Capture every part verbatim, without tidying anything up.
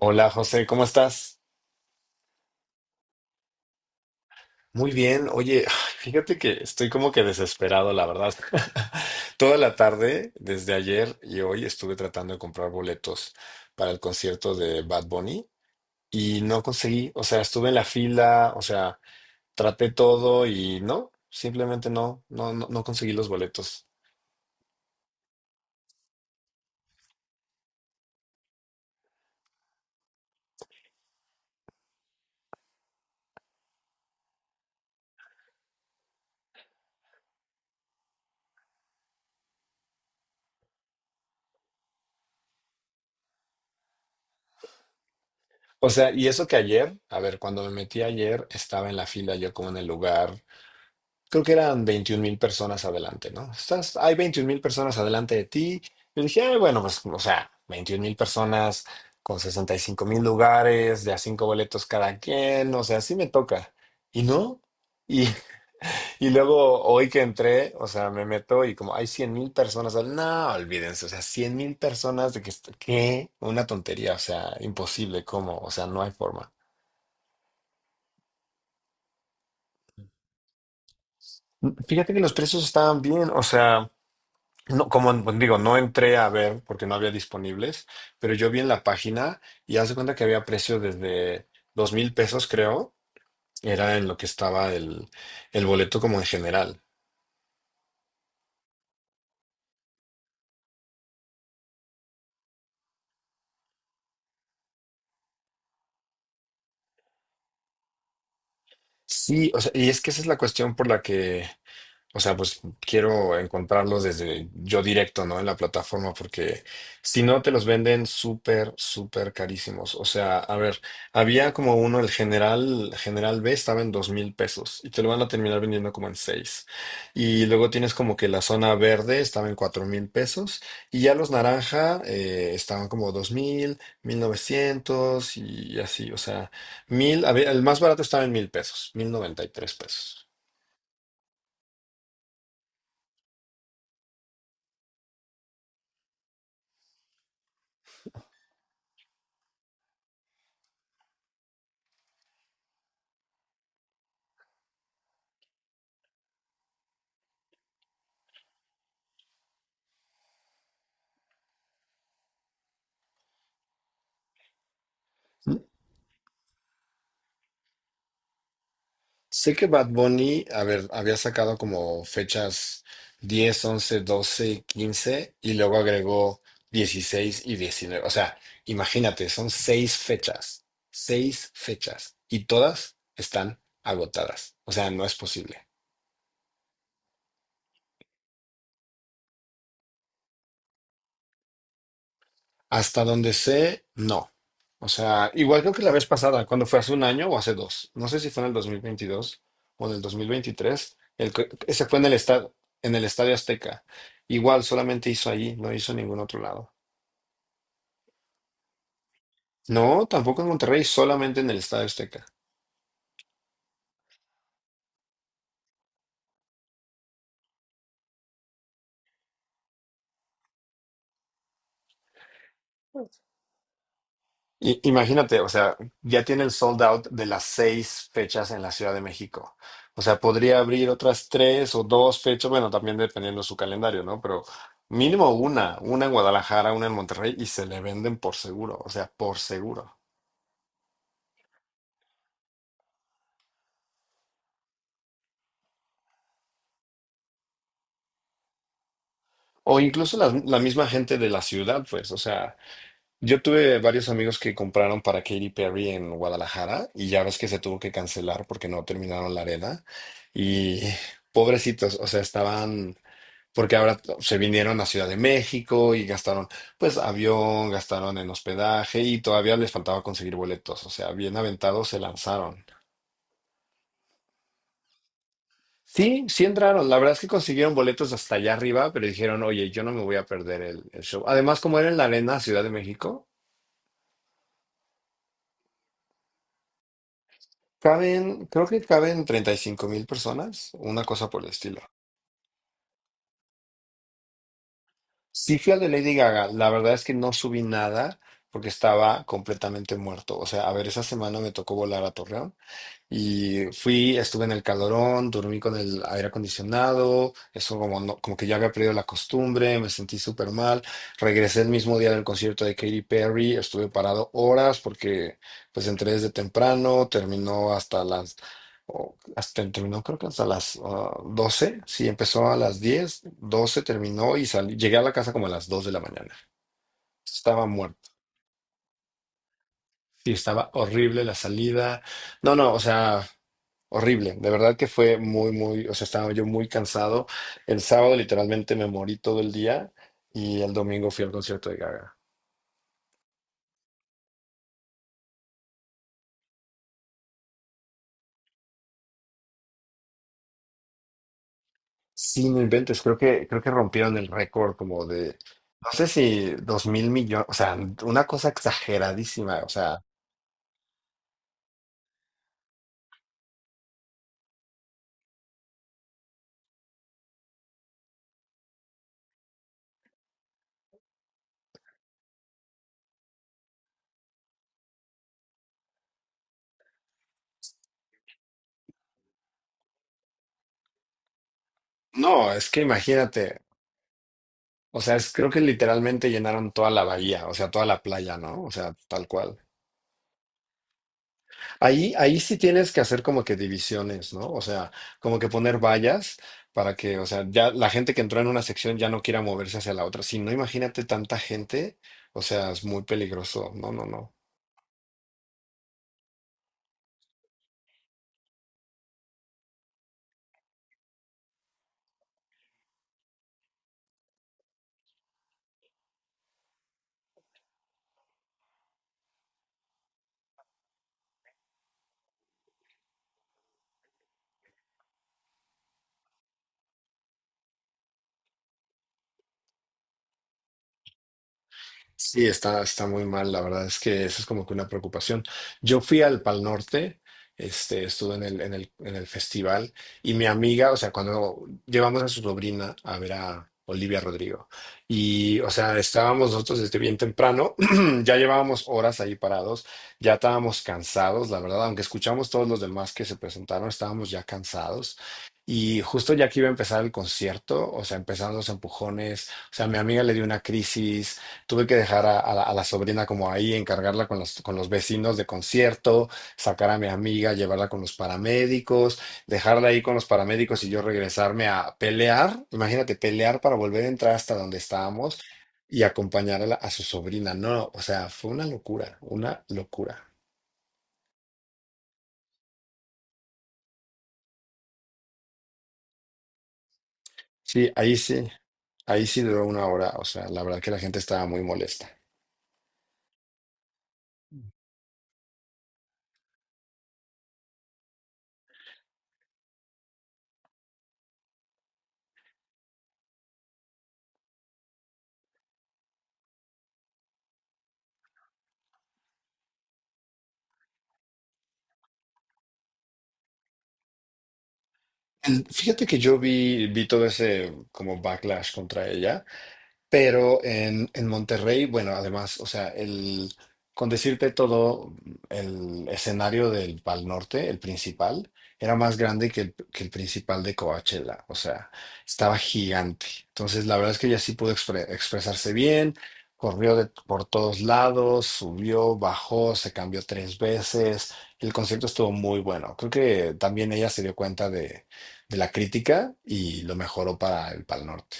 Hola José, ¿cómo estás? Muy bien. Oye, fíjate que estoy como que desesperado, la verdad. Toda la tarde, desde ayer y hoy, estuve tratando de comprar boletos para el concierto de Bad Bunny y no conseguí. O sea, estuve en la fila, o sea, traté todo y no, simplemente no, no, no, no conseguí los boletos. O sea, y eso que ayer, a ver, cuando me metí ayer, estaba en la fila yo como en el lugar. Creo que eran veintiún mil personas adelante, ¿no? Estás, hay veintiún mil personas adelante de ti. Yo dije, "Ay, bueno, pues, o sea, veintiún mil personas con sesenta y cinco mil lugares, de a cinco boletos cada quien, o sea, sí me toca". Y no. Y, y luego hoy que entré, o sea, me meto y como hay cien mil personas, no, olvídense, o sea, cien mil personas de que, est- ¿qué? Una tontería, o sea, imposible, ¿cómo? O sea, no hay forma. Fíjate que los precios estaban bien, o sea, no, como pues, digo, no entré a ver porque no había disponibles, pero yo vi en la página y hace cuenta que había precio desde dos mil pesos, creo, era en lo que estaba el, el boleto como en general. Sí, o sea, y es que esa es la cuestión por la que... O sea, pues quiero encontrarlos desde yo directo, ¿no? En la plataforma, porque si no te los venden súper, súper carísimos. O sea, a ver, había como uno, el general, general B estaba en dos mil pesos y te lo van a terminar vendiendo como en seis. Y luego tienes como que la zona verde estaba en cuatro mil pesos y ya los naranja eh, estaban como dos mil, mil novecientos y así. O sea, mil, a ver, el más barato estaba en mil pesos, mil noventa y tres pesos. Sé que Bad Bunny, a ver, había sacado como fechas diez, once, doce, quince y luego agregó dieciséis y diecinueve. O sea, imagínate, son seis fechas, seis fechas y todas están agotadas. O sea, no es posible. Hasta donde sé, no. O sea, igual creo que la vez pasada, cuando fue hace un año o hace dos, no sé si fue en el dos mil veintidós o en el dos mil veintitrés, el, que- ese fue en el estadio, en el Estadio Azteca. Igual solamente hizo allí, no hizo en ningún otro lado. No, tampoco en Monterrey, solamente en el Estadio Azteca. I- Imagínate, o sea, ya tiene el sold out de las seis fechas en la Ciudad de México. O sea, podría abrir otras tres o dos fechas, bueno, también dependiendo de su calendario, ¿no? Pero mínimo una, una en Guadalajara, una en Monterrey y se le venden por seguro, o sea, por seguro. O incluso la, la misma gente de la ciudad, pues, o sea, yo tuve varios amigos que compraron para Katy Perry en Guadalajara y ya ves que se tuvo que cancelar porque no terminaron la arena y pobrecitos, o sea, estaban... Porque ahora se vinieron a Ciudad de México y gastaron, pues, avión, gastaron en hospedaje y todavía les faltaba conseguir boletos. O sea, bien aventados se lanzaron. Sí, sí entraron. La verdad es que consiguieron boletos hasta allá arriba, pero dijeron, oye, yo no me voy a perder el, el show. Además, como era en la arena Ciudad de México, caben, creo que caben treinta y cinco mil personas, una cosa por el estilo. Sí fui al de Lady Gaga. La verdad es que no subí nada porque estaba completamente muerto. O sea, a ver, esa semana me tocó volar a Torreón. Y fui, estuve en el calorón, dormí con el aire acondicionado, eso como, no- como que ya había perdido la costumbre, me sentí súper mal. Regresé el mismo día del concierto de Katy Perry, estuve parado horas porque pues entré desde temprano, terminó hasta las, o- hasta, terminó creo que hasta las ah, doce, sí, empezó a las diez, doce terminó y salí, llegué a la casa como a las dos de la mañana. Estaba muerto. Sí, estaba horrible la salida. No, no, o sea, horrible. De verdad que fue muy, muy, o sea, estaba yo muy cansado. El sábado literalmente me morí todo el día y el domingo fui al concierto de Gaga. Sí, no inventes, creo que, creo que rompieron el récord como de, no sé si dos mil millones, o sea, una cosa exageradísima, o sea, no, es que imagínate, o sea, es, creo que literalmente llenaron toda la bahía, o sea, toda la playa, ¿no? O sea, tal cual. Ahí, ahí sí tienes que hacer como que divisiones, ¿no? O sea, como que poner vallas para que, o sea, ya la gente que entró en una sección ya no quiera moverse hacia la otra. Si no, imagínate tanta gente, o sea, es muy peligroso. No, no, no. Sí, está, está muy mal, la verdad es que eso es como que una preocupación. Yo fui al Pal Norte, este, estuve en el, en el, en el festival y mi amiga, o sea, cuando llevamos a su sobrina a ver a Olivia Rodrigo y, o sea, estábamos nosotros desde bien temprano, ya llevábamos horas ahí parados, ya estábamos cansados, la verdad, aunque escuchamos todos los demás que se presentaron, estábamos ya cansados. Y justo ya que iba a empezar el concierto, o sea, empezaron los empujones, o sea, mi amiga le dio una crisis. Tuve que dejar a, a la, a la sobrina como ahí, encargarla con los, con los vecinos de concierto, sacar a mi amiga, llevarla con los paramédicos, dejarla ahí con los paramédicos y yo regresarme a pelear. Imagínate, pelear para volver a entrar hasta donde estábamos y acompañar a, la- a su sobrina. No, o sea, fue una locura, una locura. Sí, ahí sí, ahí sí duró una hora. O sea, la verdad que la gente estaba muy molesta. El- Fíjate que yo vi, vi todo ese como backlash contra ella. Pero en, en Monterrey, bueno, además, o sea, el, con decirte todo, el escenario del Pal Norte, el principal, era más grande que el, que el principal de Coachella, o sea, estaba gigante. Entonces, la verdad es que ella sí pudo expre- expresarse bien, corrió de- por todos lados, subió, bajó, se cambió tres veces. El concierto estuvo muy bueno. Creo que también ella se dio cuenta de, de la crítica y lo mejoró para el Pal Norte.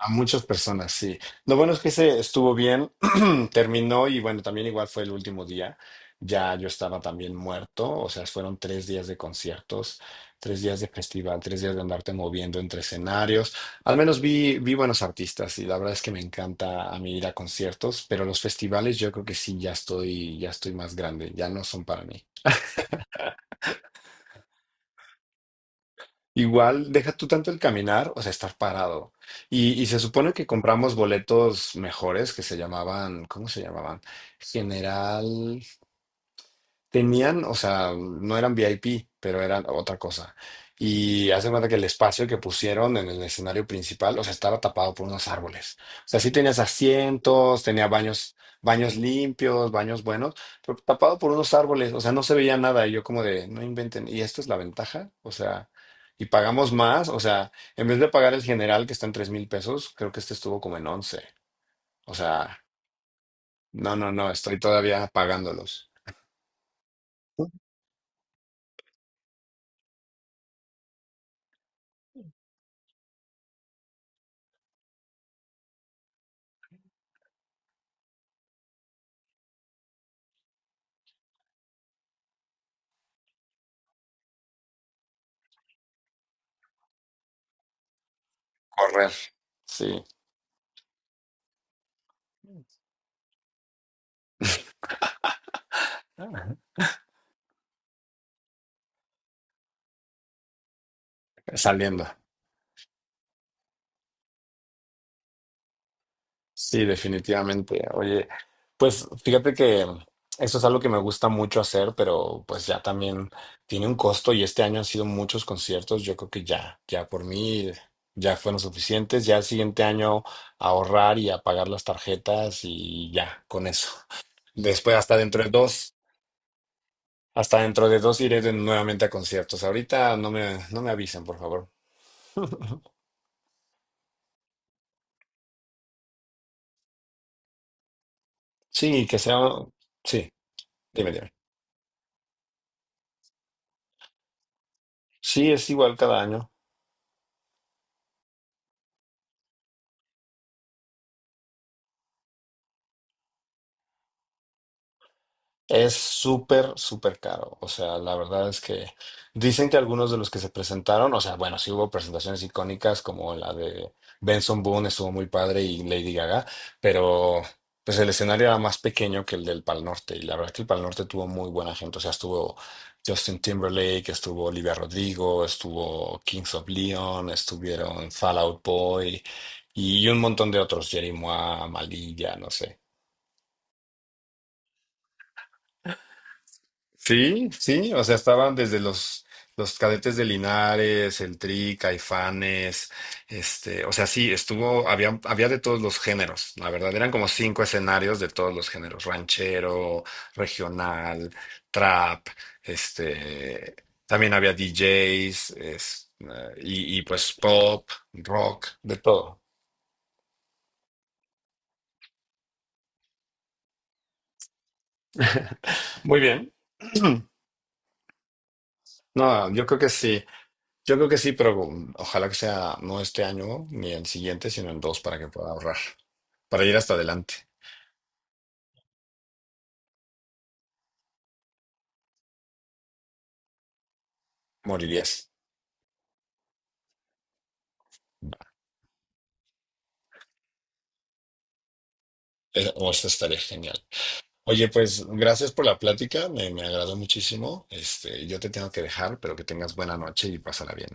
A muchas personas, sí. Lo bueno es que se estuvo bien, terminó y bueno, también igual fue el último día. Ya yo estaba también muerto, o sea, fueron tres días de conciertos, tres días de festival, tres días de andarte moviendo entre escenarios. Al menos vi, vi buenos artistas y la verdad es que me encanta a mí ir a conciertos, pero los festivales yo creo que sí, ya estoy, ya estoy más grande, ya no son para mí. Igual, deja tú tanto el caminar, o sea, estar parado. Y, y se supone que compramos boletos mejores que se llamaban, ¿cómo se llamaban? General. Tenían, o sea, no eran VIP, pero eran otra cosa. Y hace cuenta que el espacio que pusieron en el escenario principal, o sea, estaba tapado por unos árboles. O sea, sí tenías asientos, tenía baños, baños limpios, baños buenos, pero tapado por unos árboles. O sea, no se veía nada. Y yo como de, no inventen. ¿Y esta es la ventaja? O sea, y pagamos más. O sea, en vez de pagar el general que está en tres mil pesos, creo que este estuvo como en once. O sea, no, no, no, estoy todavía pagándolos. Correr. Sí. Saliendo. Sí, definitivamente. Oye, pues fíjate que eso es algo que me gusta mucho hacer, pero pues ya también tiene un costo y este año han sido muchos conciertos. Yo creo que ya, ya por mí ya fueron suficientes. Ya el siguiente año ahorrar y apagar las tarjetas y ya, con eso. Después hasta dentro de dos, hasta dentro de dos iré de- nuevamente a conciertos. Ahorita no me, no me avisen, por favor. Sí, que sea, sí, dime, dime. Sí, es igual cada año. Es súper, súper caro. O sea, la verdad es que dicen que algunos de los que se presentaron, o sea, bueno, sí hubo presentaciones icónicas como la de Benson Boone, estuvo muy padre, y Lady Gaga, pero pues el escenario era más pequeño que el del Pal Norte. Y la verdad es que el Pal Norte tuvo muy buena gente. O sea, estuvo Justin Timberlake, estuvo Olivia Rodrigo, estuvo Kings of Leon, estuvieron Fall Out Boy y un montón de otros, Jerry Mois, Malilla, no sé. Sí, sí, o sea, estaban desde los, los cadetes de Linares, el TRI, Caifanes, este, o sea, sí, estuvo, había, había de todos los géneros, la verdad, eran como cinco escenarios de todos los géneros, ranchero, regional, trap, este, también había D Js, es, eh, y, y pues pop, rock, de todo. Muy bien. No, yo creo que sí. Yo creo que sí, pero um, ojalá que sea no este año ni el siguiente, sino en dos para que pueda ahorrar, para ir hasta adelante. Morirías. Es- O eso estaría genial. Oye, pues gracias por la plática, me, me agradó muchísimo. Este, yo te tengo que dejar, pero que tengas buena noche y pásala bien.